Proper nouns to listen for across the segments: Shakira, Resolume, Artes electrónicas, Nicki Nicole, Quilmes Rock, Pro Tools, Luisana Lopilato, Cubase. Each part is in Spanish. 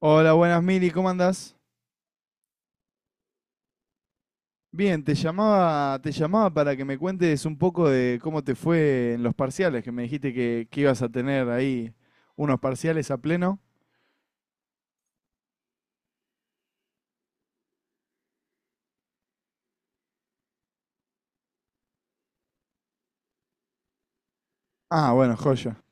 Hola, buenas Mili, ¿cómo andás? Bien, te llamaba para que me cuentes un poco de cómo te fue en los parciales, que me dijiste que ibas a tener ahí unos parciales a pleno. Ah, bueno, joya.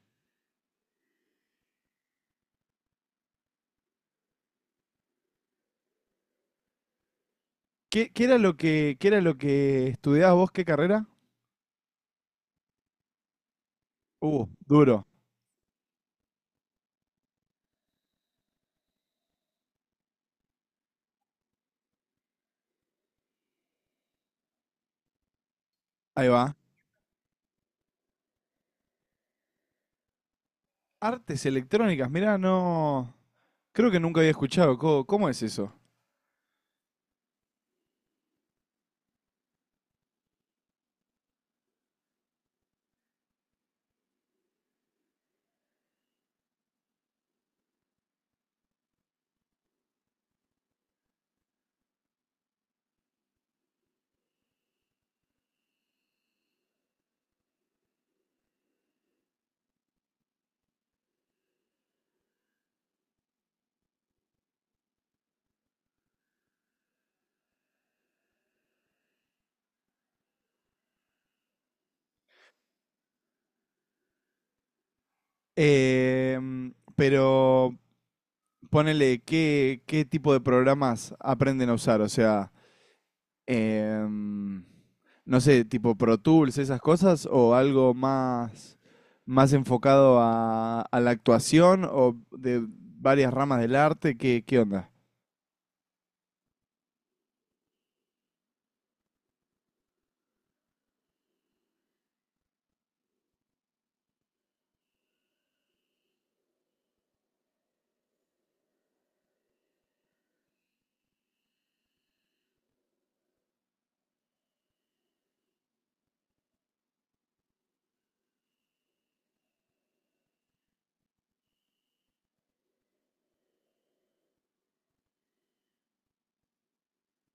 ¿Qué, qué era lo que, qué era lo que estudiabas vos? ¿Qué carrera? Duro. Ahí va. Artes electrónicas, mirá, no. Creo que nunca había escuchado. ¿Cómo es eso? Pero ponele, ¿qué tipo de programas aprenden a usar? O sea. em, no sé, tipo Pro Tools, esas cosas, o algo más, más enfocado a la actuación o de varias ramas del arte? ¿Qué onda?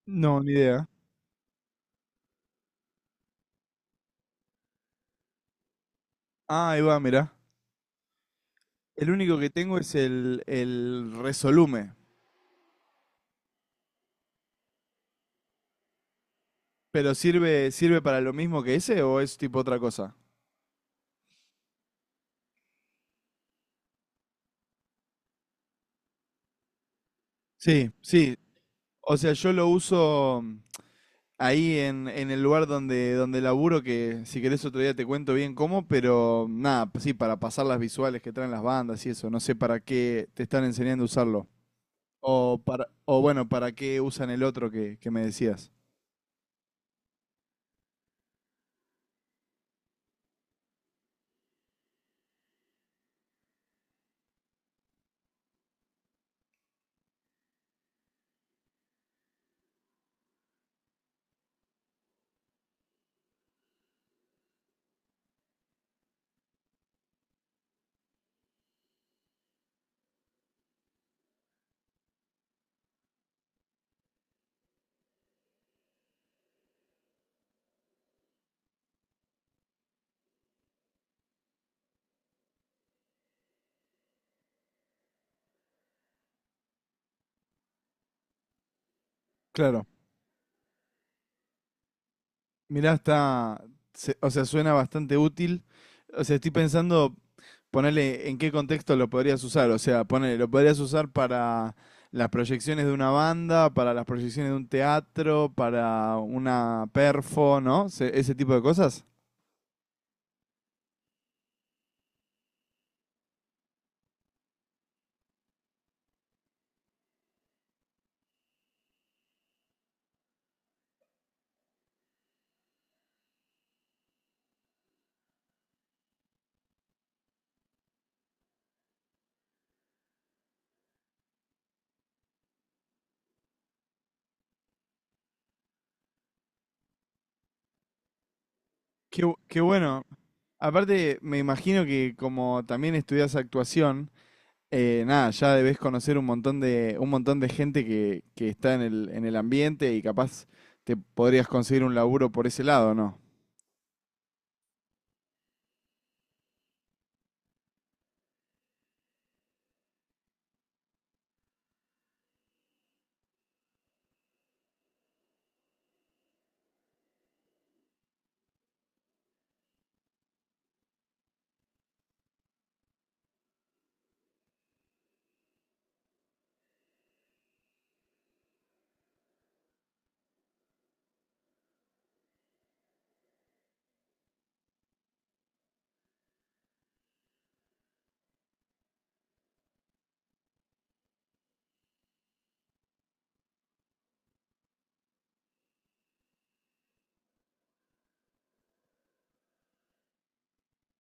No, ni idea. Ah, ahí va, mirá. El único que tengo es el Resolume. ¿Pero sirve para lo mismo que ese o es tipo otra cosa? Sí, sí. O sea, yo lo uso ahí en el lugar donde laburo, que si querés otro día te cuento bien cómo, pero nada, sí, para pasar las visuales que traen las bandas y eso. No sé para qué te están enseñando a usarlo. O, para, o bueno, para qué usan el otro que me decías. Claro, mirá, está, se- o sea, suena bastante útil. O sea, estoy pensando. Ponele en qué contexto lo podrías usar. O sea, ponele, lo podrías usar para las proyecciones de una banda, para las proyecciones de un teatro, para una perfo, ¿no? Se- ese tipo de cosas. Qué, bu- qué bueno. Aparte, me imagino que como también estudias actuación, nada, ya debes conocer un montón de gente que está en el ambiente y capaz te podrías conseguir un laburo por ese lado, ¿no?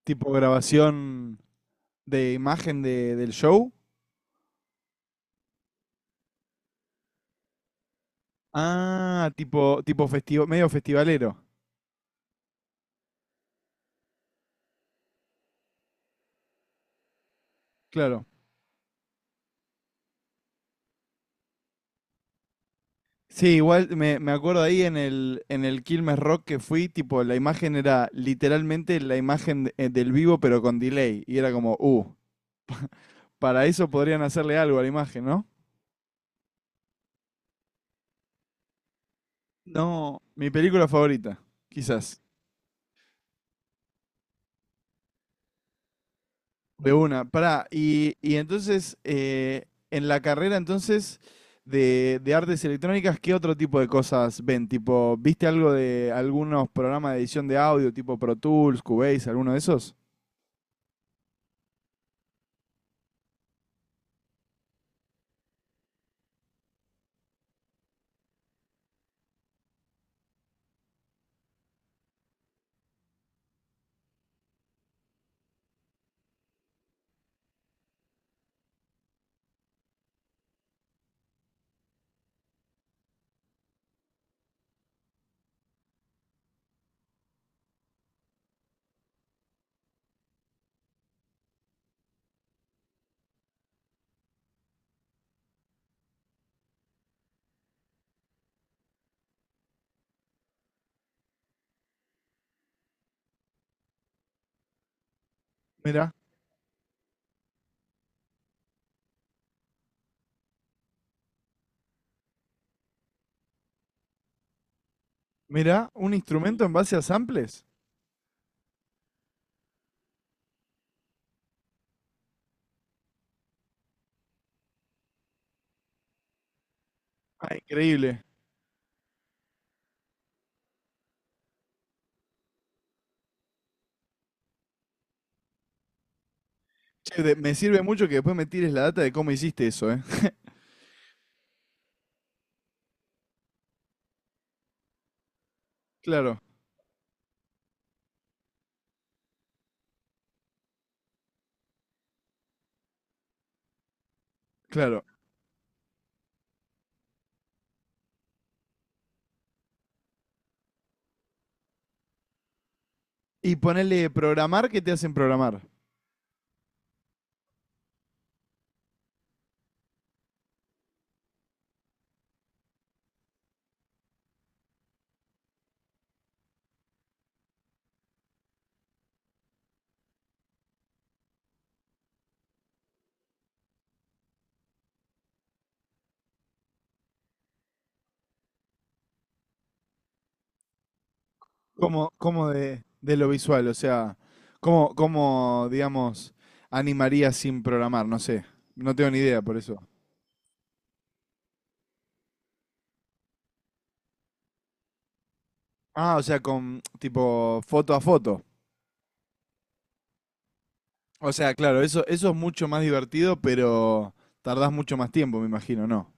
Tipo grabación de imagen de, del show. Ah, tipo, tipo festivo, medio festivalero, claro. Sí, igual me, me acuerdo ahí en el Quilmes Rock que fui, tipo, la imagen era literalmente la imagen de- del vivo, pero con delay. Y era como, para eso podrían hacerle algo a la imagen, ¿no? No, mi película favorita, quizás. De una, pará. Y entonces, en la carrera entonces de artes electrónicas, ¿qué otro tipo de cosas ven? Tipo, ¿viste algo de algunos programas de edición de audio, tipo Pro Tools, Cubase, alguno de esos? Mirá, mirá, un instrumento en base a samples. Ah, increíble. Che, de- me sirve mucho que después me tires la data de cómo hiciste eso, ¿eh? Claro, claro. Y ponele programar, ¿qué te hacen programar? ¿Cómo de lo visual? O sea, ¿cómo, cómo, digamos, animaría sin programar? No sé. No tengo ni idea por eso. Ah, o sea, con tipo foto a foto. O sea, claro, eso es mucho más divertido, pero tardás mucho más tiempo, me imagino, ¿no?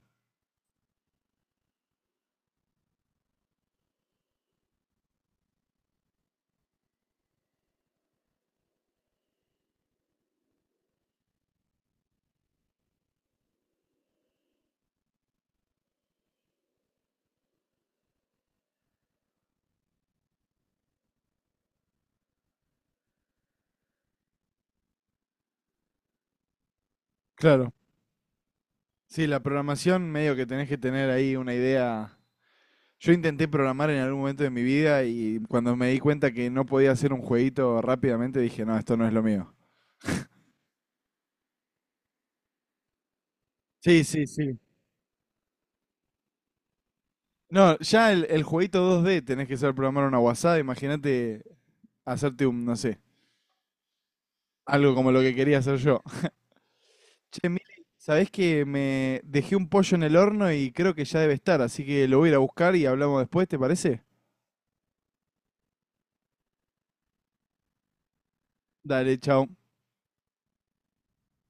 Claro. Sí, la programación medio que tenés que tener ahí una idea. Yo intenté programar en algún momento de mi vida y cuando me di cuenta que no podía hacer un jueguito rápidamente dije, no, esto no es lo mío. Sí, sí, sí. No, ya el jueguito 2D tenés que saber programar una guasada. Imagínate hacerte un, no sé, algo como lo que quería hacer yo. Che, Mili, ¿sabés que me dejé un pollo en el horno y creo que ya debe estar? Así que lo voy a ir a buscar y hablamos después, ¿te parece? Dale, chao.